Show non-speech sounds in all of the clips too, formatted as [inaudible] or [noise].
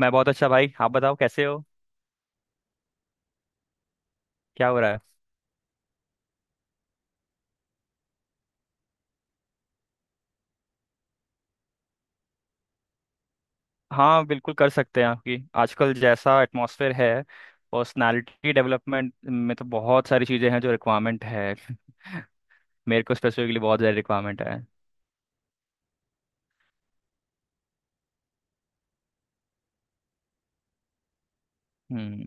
मैं बहुत अच्छा भाई। आप बताओ कैसे हो। क्या हो रहा है? हाँ, बिल्कुल कर सकते हैं। आपकी आजकल जैसा एटमॉस्फेयर है, पर्सनालिटी डेवलपमेंट में तो बहुत सारी चीज़ें हैं जो रिक्वायरमेंट है। [laughs] मेरे को स्पेसिफिकली बहुत ज़्यादा रिक्वायरमेंट है। हम्म।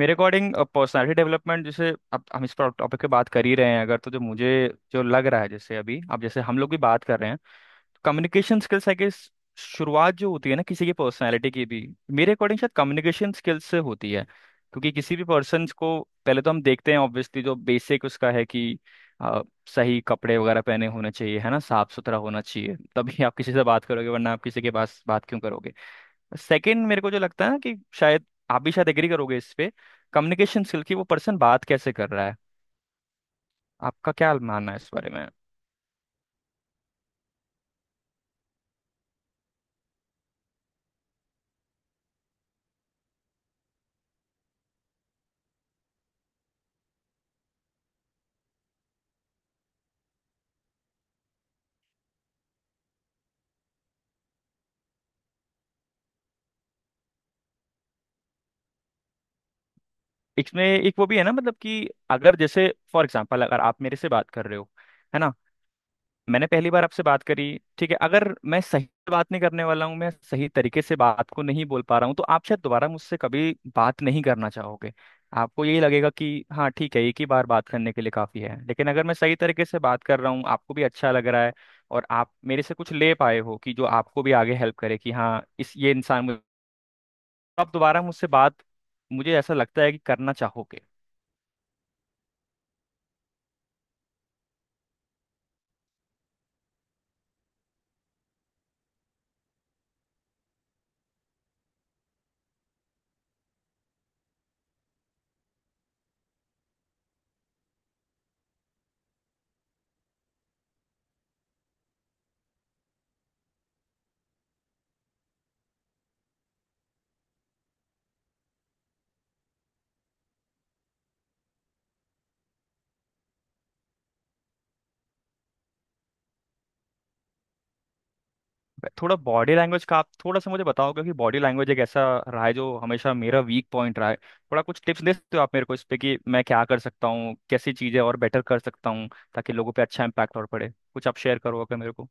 मेरे अकॉर्डिंग पर्सनालिटी डेवलपमेंट, जैसे अब हम इस टॉपिक पे बात कर ही रहे हैं, अगर तो जो मुझे, जो लग रहा है, जैसे अभी अब जैसे हम लोग भी बात कर रहे हैं, कम्युनिकेशन स्किल्स है कि शुरुआत जो होती है ना किसी की पर्सनालिटी की भी, मेरे अकॉर्डिंग शायद कम्युनिकेशन स्किल्स से होती है। क्योंकि किसी भी पर्सन को पहले तो हम देखते हैं, ऑब्वियसली जो बेसिक उसका है कि अ, सही कपड़े वगैरह पहने होने चाहिए, है ना। साफ सुथरा होना चाहिए, तभी आप किसी से बात करोगे, वरना आप किसी के पास बात क्यों करोगे। सेकंड, मेरे को जो लगता है ना कि शायद आप भी शायद एग्री करोगे इस पे, कम्युनिकेशन स्किल की वो पर्सन बात कैसे कर रहा है। आपका क्या मानना है इस बारे में? इसमें एक वो भी है ना, मतलब कि अगर जैसे फॉर एग्जांपल अगर आप मेरे से बात कर रहे हो, है ना, मैंने पहली बार आपसे बात करी, ठीक है, अगर मैं सही से बात नहीं करने वाला हूँ, मैं सही तरीके से बात को नहीं बोल पा रहा हूँ, तो आप शायद दोबारा मुझसे कभी बात नहीं करना चाहोगे। आपको यही लगेगा कि हाँ ठीक है, एक ही बार बात करने के लिए काफ़ी है। लेकिन अगर मैं सही तरीके से बात कर रहा हूँ, आपको भी अच्छा लग रहा है, और आप मेरे से कुछ ले पाए हो कि जो आपको भी आगे हेल्प करे, कि हाँ इस ये इंसान मुझे, आप दोबारा मुझसे बात, मुझे ऐसा लगता है कि, करना चाहोगे। थोड़ा बॉडी लैंग्वेज का आप थोड़ा सा मुझे बताओ, क्योंकि बॉडी लैंग्वेज एक ऐसा रहा है जो हमेशा मेरा वीक पॉइंट रहा है। थोड़ा कुछ टिप्स दे सकते हो आप मेरे को इस पे कि मैं क्या कर सकता हूँ, कैसी चीजें और बेटर कर सकता हूँ, ताकि लोगों पे अच्छा इम्पैक्ट और पड़े। कुछ आप शेयर करो अगर मेरे को।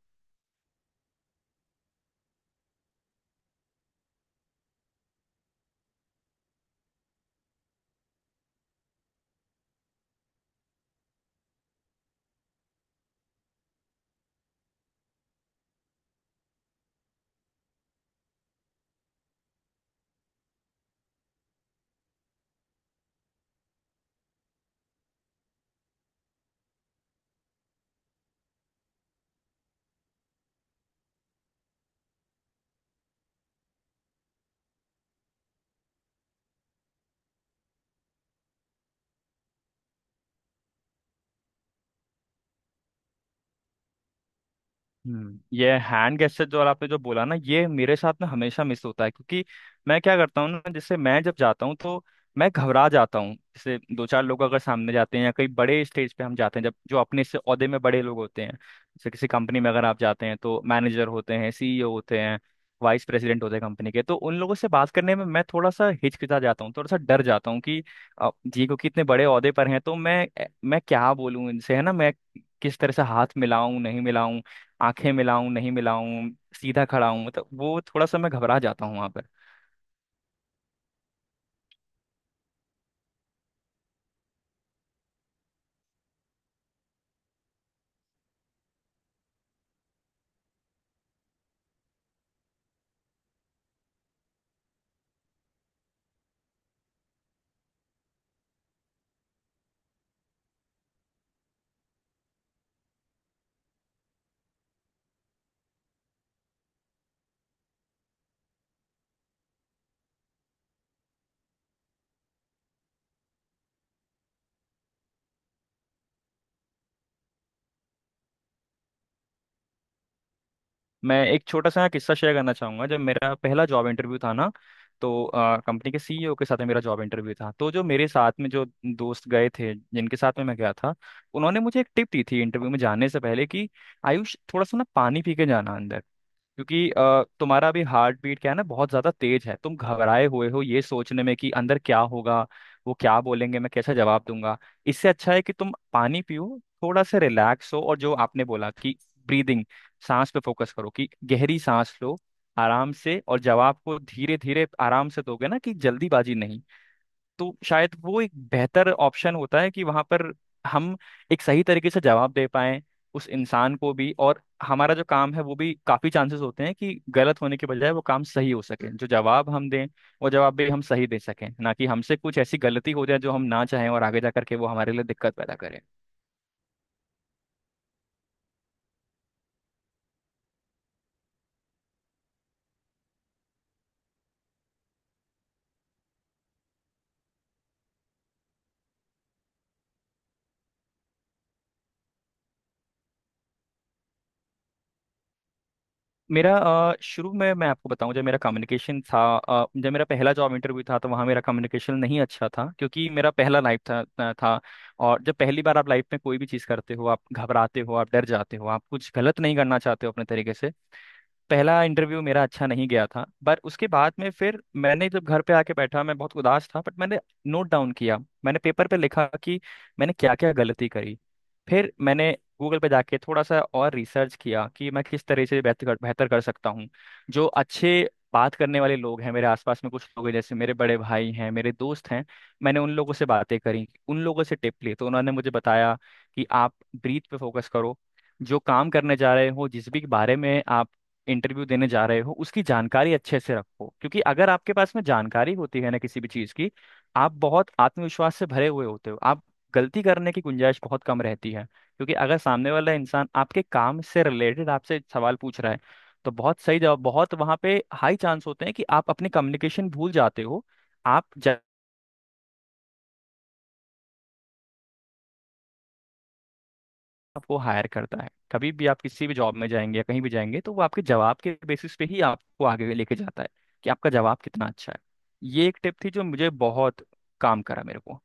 हम्म। ये हैंड गेस्चर जो और आपने जो बोला ना, ये मेरे साथ में हमेशा मिस होता है। क्योंकि मैं क्या करता हूँ ना, जैसे मैं जब जाता हूँ तो मैं घबरा जाता हूँ। जैसे दो चार लोग अगर सामने जाते हैं या कहीं बड़े स्टेज पे हम जाते हैं, जब जो अपने से ओहदे में बड़े लोग होते हैं, जैसे किसी कंपनी में अगर आप जाते हैं तो मैनेजर होते हैं, सीईओ होते हैं, वाइस प्रेसिडेंट होते हैं कंपनी के, तो उन लोगों से बात करने में मैं थोड़ा सा हिचकिचा जाता हूँ, थोड़ा सा डर जाता हूँ, कि जी क्योंकि इतने बड़े ओहदे पर हैं, तो मैं क्या बोलूँ इनसे, है ना, मैं किस तरह से हाथ मिलाऊं नहीं मिलाऊं, आंखें मिलाऊं नहीं मिलाऊं, सीधा खड़ा हूं, मतलब वो थोड़ा सा मैं घबरा जाता हूँ वहां पर। मैं एक छोटा सा किस्सा शेयर करना चाहूंगा। जब मेरा पहला जॉब इंटरव्यू था ना, तो कंपनी के सीईओ के साथ में मेरा जॉब इंटरव्यू था। तो जो मेरे साथ में जो दोस्त गए थे, जिनके साथ में मैं गया था, उन्होंने मुझे एक टिप दी थी इंटरव्यू में जाने से पहले कि आयुष, थोड़ा सा ना पानी पी के जाना अंदर। क्योंकि तुम्हारा भी हार्ट बीट क्या है ना, बहुत ज्यादा तेज है, तुम घबराए हुए हो ये सोचने में कि अंदर क्या होगा, वो क्या बोलेंगे, मैं कैसा जवाब दूंगा। इससे अच्छा है कि तुम पानी पियो, थोड़ा सा रिलैक्स हो। और जो आपने बोला कि ब्रीदिंग, सांस पे फोकस करो, कि गहरी सांस लो, आराम से, और जवाब को धीरे धीरे आराम से दोगे, ना कि जल्दीबाजी नहीं। तो शायद वो एक बेहतर ऑप्शन होता है कि वहां पर हम एक सही तरीके से जवाब दे पाएं, उस इंसान को भी। और हमारा जो काम है वो भी, काफी चांसेस होते हैं कि गलत होने के बजाय वो काम सही हो सके, जो जवाब हम दें वो जवाब भी हम सही दे सकें, ना कि हमसे कुछ ऐसी गलती हो जाए जो हम ना चाहें और आगे जा करके वो हमारे लिए दिक्कत पैदा करे। मेरा शुरू में मैं आपको बताऊं, जब मेरा कम्युनिकेशन था, जब मेरा पहला जॉब इंटरव्यू था, तो वहाँ मेरा कम्युनिकेशन नहीं अच्छा था। क्योंकि मेरा पहला लाइफ था। और जब पहली बार आप लाइफ में कोई भी चीज़ करते हो, आप घबराते हो, आप डर जाते हो, आप कुछ गलत नहीं करना चाहते हो अपने तरीके से। पहला इंटरव्यू मेरा अच्छा नहीं गया था, पर उसके बाद में फिर मैंने, जब घर पे आके बैठा, मैं बहुत उदास था, बट मैंने नोट डाउन किया। मैंने पेपर पे लिखा कि मैंने क्या क्या गलती करी। फिर मैंने गूगल पे जाके थोड़ा सा और रिसर्च किया कि मैं किस तरह से बेहतर बेहतर कर सकता हूँ। जो अच्छे बात करने वाले लोग हैं, मेरे आसपास में कुछ लोग हैं, जैसे मेरे बड़े भाई हैं, मेरे दोस्त हैं, मैंने उन लोगों से बातें करी, उन लोगों से टिप ली, तो उन्होंने मुझे बताया कि आप ब्रीथ पे फोकस करो, जो काम करने जा रहे हो, जिस भी बारे में आप इंटरव्यू देने जा रहे हो, उसकी जानकारी अच्छे से रखो। क्योंकि अगर आपके पास में जानकारी होती है ना किसी भी चीज़ की, आप बहुत आत्मविश्वास से भरे हुए होते हो, आप गलती करने की गुंजाइश बहुत कम रहती है। क्योंकि अगर सामने वाला इंसान आपके काम से रिलेटेड आपसे सवाल पूछ रहा है, तो बहुत सही जवाब, बहुत वहाँ पे हाई चांस होते हैं कि आप अपनी कम्युनिकेशन भूल जाते हो। आप आपको हायर करता है, कभी भी आप किसी भी जॉब में जाएंगे या कहीं भी जाएंगे, तो वो आपके जवाब के बेसिस पे ही आपको आगे लेके जाता है, कि आपका जवाब कितना अच्छा है। ये एक टिप थी जो मुझे बहुत काम करा मेरे को।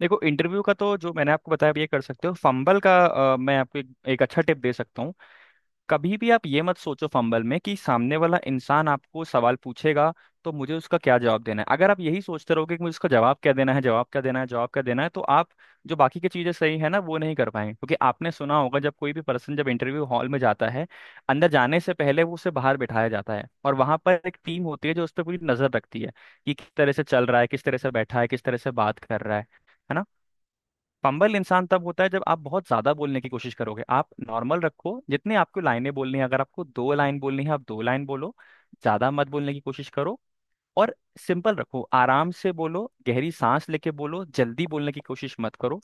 देखो, इंटरव्यू का तो जो मैंने आपको बताया आप ये कर सकते हो। फंबल का मैं आपको एक अच्छा टिप दे सकता हूँ। कभी भी आप ये मत सोचो फंबल में कि सामने वाला इंसान आपको सवाल पूछेगा, तो मुझे उसका क्या जवाब देना है। अगर आप यही सोचते रहोगे कि मुझे उसका जवाब क्या देना है, जवाब क्या देना है, जवाब क्या देना है, तो आप जो बाकी की चीजें सही है ना वो नहीं कर पाएंगे। क्योंकि आपने सुना होगा, जब कोई भी पर्सन जब इंटरव्यू हॉल में जाता है, अंदर जाने से पहले वो उसे बाहर बिठाया जाता है, और वहां पर एक टीम होती है जो उस पर पूरी नजर रखती है, कि किस तरह से चल रहा है, किस तरह से बैठा है, किस तरह से बात कर रहा है ना। पंबल इंसान तब होता है जब आप बहुत ज्यादा बोलने की कोशिश करोगे। आप नॉर्मल रखो, जितने आपको लाइनें बोलनी है, अगर आपको दो लाइन बोलनी है आप दो लाइन बोलो, ज्यादा मत बोलने की कोशिश करो। और सिंपल रखो, आराम से बोलो, गहरी सांस लेके बोलो, जल्दी बोलने की कोशिश मत करो।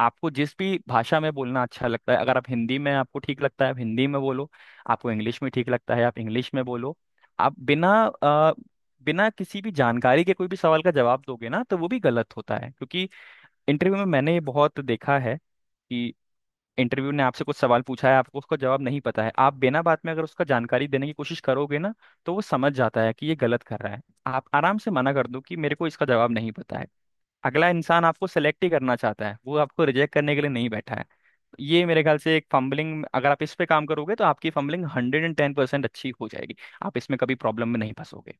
आपको जिस भी भाषा में बोलना अच्छा लगता है, अगर आप हिंदी में, आपको ठीक लगता है आप हिंदी में बोलो, आपको इंग्लिश में ठीक लगता है आप इंग्लिश में बोलो। आप बिना बिना किसी भी जानकारी के कोई भी सवाल का जवाब दोगे ना, तो वो भी गलत होता है। क्योंकि इंटरव्यू में मैंने ये बहुत देखा है कि इंटरव्यू ने आपसे कुछ सवाल पूछा है, आपको उसका जवाब नहीं पता है, आप बिना बात में अगर उसका जानकारी देने की कोशिश करोगे ना, तो वो समझ जाता है कि ये गलत कर रहा है। आप आराम से मना कर दो कि मेरे को इसका जवाब नहीं पता है। अगला इंसान आपको सेलेक्ट ही करना चाहता है, वो आपको रिजेक्ट करने के लिए नहीं बैठा है। ये मेरे ख्याल से एक फंबलिंग, अगर आप इस पे काम करोगे, तो आपकी फंबलिंग 110% अच्छी हो जाएगी। आप इसमें कभी प्रॉब्लम में नहीं फंसोगे।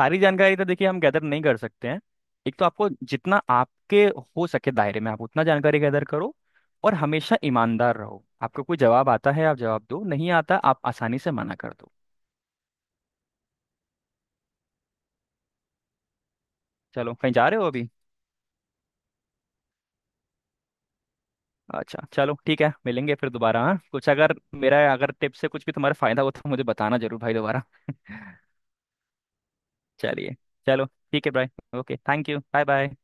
सारी जानकारी तो देखिए हम गैदर नहीं कर सकते हैं। एक तो आपको जितना आपके हो सके दायरे में आप उतना जानकारी गैदर करो, और हमेशा ईमानदार रहो। आपको कोई जवाब आता है आप जवाब दो, नहीं आता आप आसानी से मना कर दो। चलो, कहीं जा रहे हो अभी? अच्छा चलो ठीक है, मिलेंगे फिर दोबारा। हाँ, कुछ अगर मेरा, अगर टिप से कुछ भी तुम्हारा फायदा हो तो मुझे बताना जरूर भाई, दोबारा। [laughs] चलिए। चलो। ठीक है भाई। Okay thank you, bye bye.